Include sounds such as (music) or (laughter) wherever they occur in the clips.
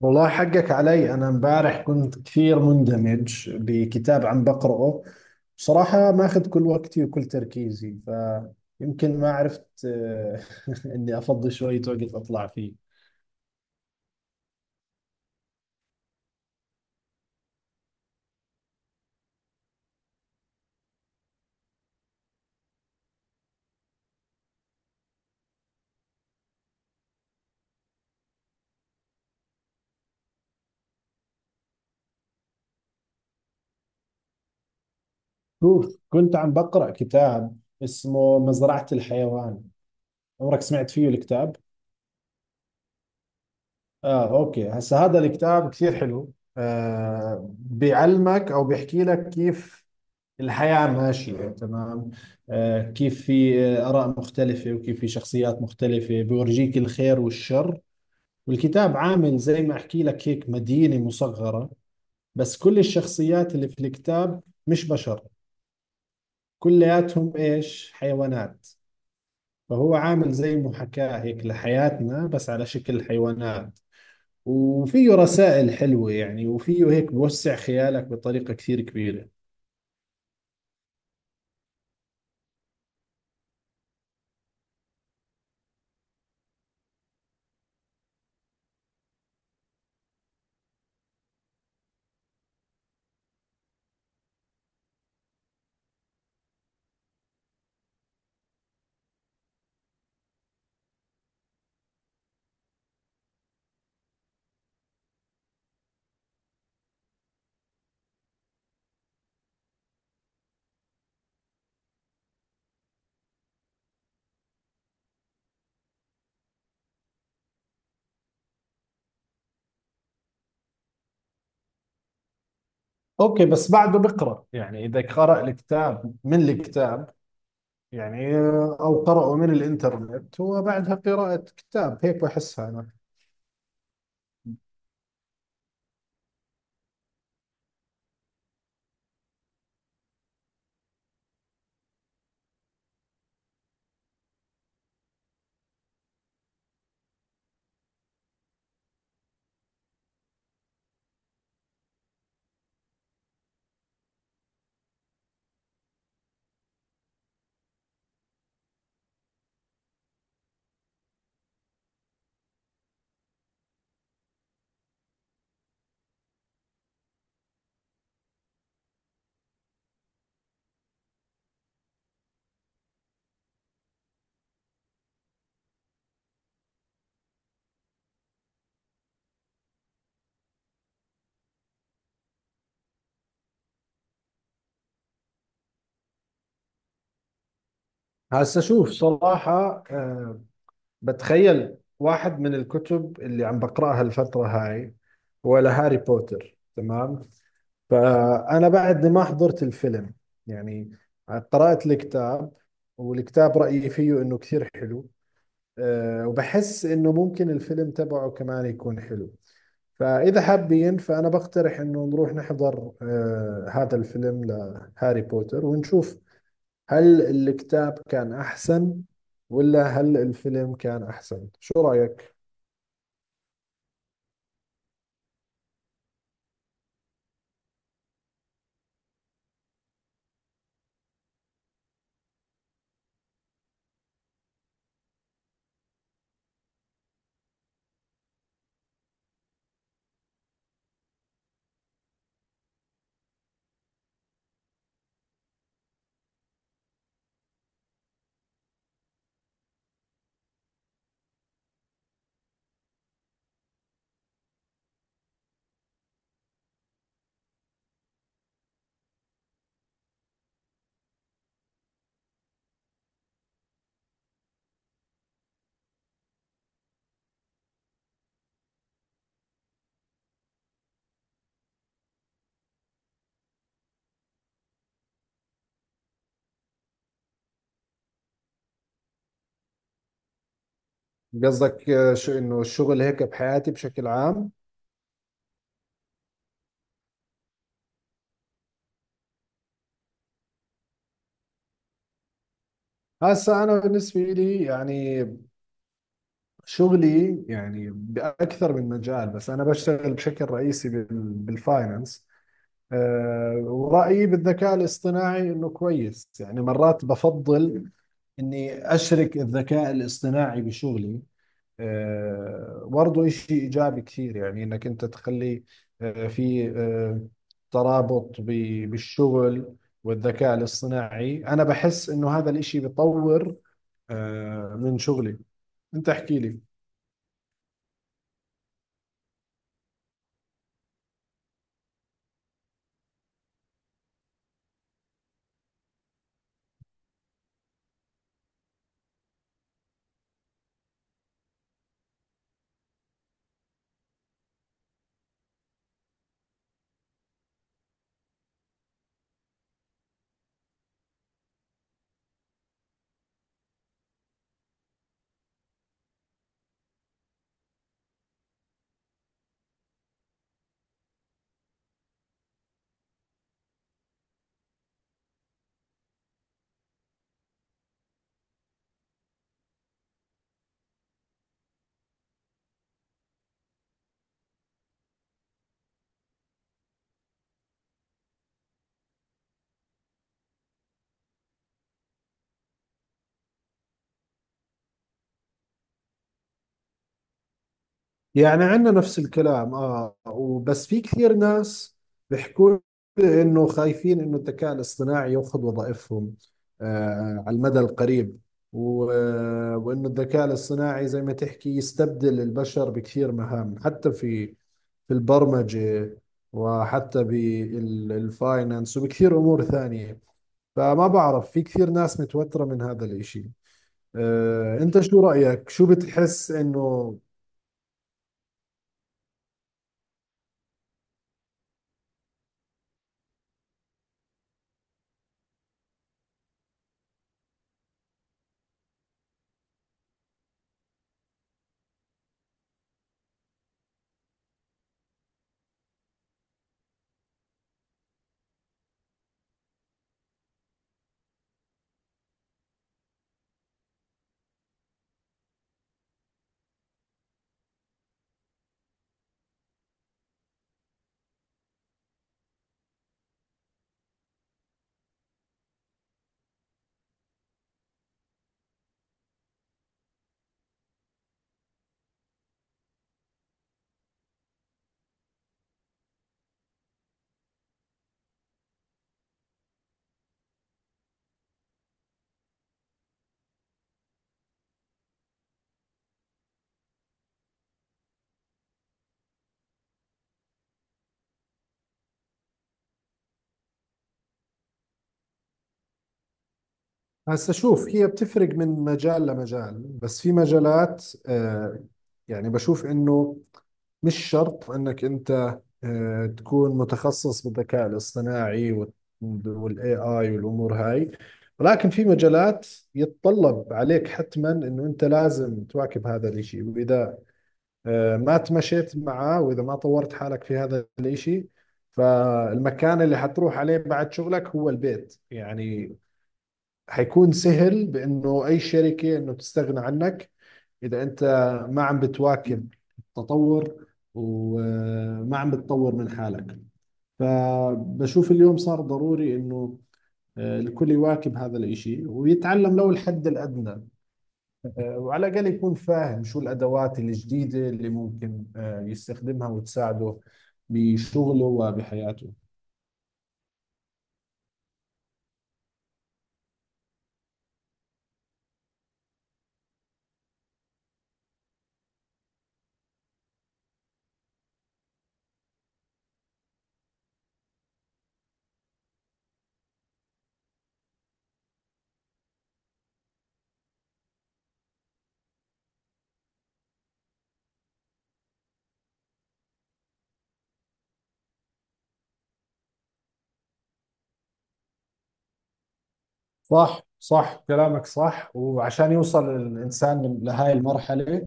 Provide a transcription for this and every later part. والله حقك علي. أنا امبارح كنت كثير مندمج بكتاب عم بقرأه. بصراحة ماخذ كل وقتي وكل تركيزي. فيمكن ما عرفت (laughs) إني أفضي شوية وقت أطلع فيه. شوف، كنت عم بقرأ كتاب اسمه مزرعة الحيوان. عمرك سمعت فيه الكتاب؟ آه، أوكي. هسا هذا الكتاب كثير حلو، بيعلمك أو بيحكي لك كيف الحياة ماشية تمام. كيف في آراء مختلفة، وكيف في شخصيات مختلفة بيورجيك الخير والشر. والكتاب عامل زي ما أحكي لك هيك مدينة مصغرة، بس كل الشخصيات اللي في الكتاب مش بشر، كلياتهم إيش حيوانات. فهو عامل زي محاكاة هيك لحياتنا بس على شكل حيوانات. وفيه رسائل حلوة يعني، وفيه هيك بوسع خيالك بطريقة كثير كبيرة. اوكي، بس بعده بقرا يعني، اذا قرا الكتاب من الكتاب يعني، أو قرأوا من الإنترنت وبعدها قراءة كتاب هيك بحسها أنا. هسا شوف، صراحة بتخيل واحد من الكتب اللي عم بقرأها الفترة هاي، ولا هاري بوتر. تمام؟ فأنا بعدني ما حضرت الفيلم يعني، قرأت الكتاب. والكتاب رأيي فيه إنه كثير حلو. وبحس إنه ممكن الفيلم تبعه كمان يكون حلو. فإذا حابين، فأنا بقترح إنه نروح نحضر هذا الفيلم لهاري بوتر، ونشوف هل الكتاب كان أحسن ولا هل الفيلم كان أحسن. شو رأيك؟ قصدك شو إنه الشغل هيك بحياتي بشكل عام؟ هسا أنا بالنسبة لي يعني، شغلي يعني بأكثر من مجال، بس أنا بشتغل بشكل رئيسي بالفاينانس. ورأيي بالذكاء الاصطناعي إنه كويس. يعني مرات بفضل إني أشرك الذكاء الاصطناعي بشغلي. برضه إشي إيجابي كثير، يعني إنك أنت تخلي آه، في آه، ترابط بالشغل. والذكاء الاصطناعي أنا بحس إنه هذا الإشي بيطور من شغلي. أنت احكي لي. يعني عندنا نفس الكلام، اه، وبس في كثير ناس بيحكوا لي انه خايفين انه الذكاء الاصطناعي ياخذ وظائفهم على المدى القريب. وانه الذكاء الاصطناعي زي ما تحكي يستبدل البشر بكثير مهام، حتى في البرمجة، وحتى بالفاينانس وبكثير امور ثانية. فما بعرف، في كثير ناس متوترة من هذا الاشي. انت شو رأيك؟ شو بتحس انه؟ هسا شوف، هي بتفرق من مجال لمجال، بس في مجالات يعني بشوف انه مش شرط انك انت تكون متخصص بالذكاء الاصطناعي والاي اي والامور هاي. ولكن في مجالات يتطلب عليك حتما انه انت لازم تواكب هذا الاشي. واذا ما تمشيت معاه واذا ما طورت حالك في هذا الاشي، فالمكان اللي حتروح عليه بعد شغلك هو البيت يعني. حيكون سهل بانه اي شركه انه تستغنى عنك اذا انت ما عم بتواكب التطور وما عم بتطور من حالك. فبشوف اليوم صار ضروري انه الكل يواكب هذا الاشي ويتعلم لو الحد الادنى. وعلى الاقل يكون فاهم شو الادوات الجديده اللي ممكن يستخدمها وتساعده بشغله وبحياته. صح، صح كلامك صح. وعشان يوصل الإنسان لهاي المرحلة،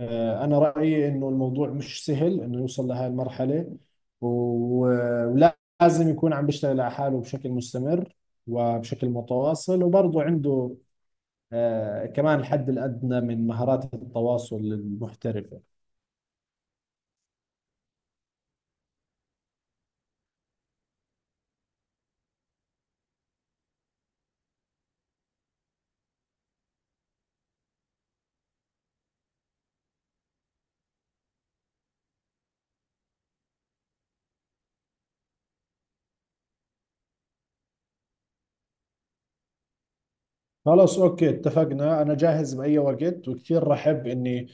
أنا رأيي إنه الموضوع مش سهل إنه يوصل لهي المرحلة. و- ولازم يكون عم بيشتغل على حاله بشكل مستمر وبشكل متواصل، وبرضه عنده كمان الحد الأدنى من مهارات التواصل المحترفة. خلاص أوكي، اتفقنا. أنا جاهز بأي وقت، وكثير رحب إني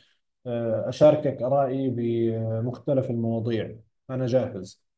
أشاركك آرائي بمختلف المواضيع. أنا جاهز.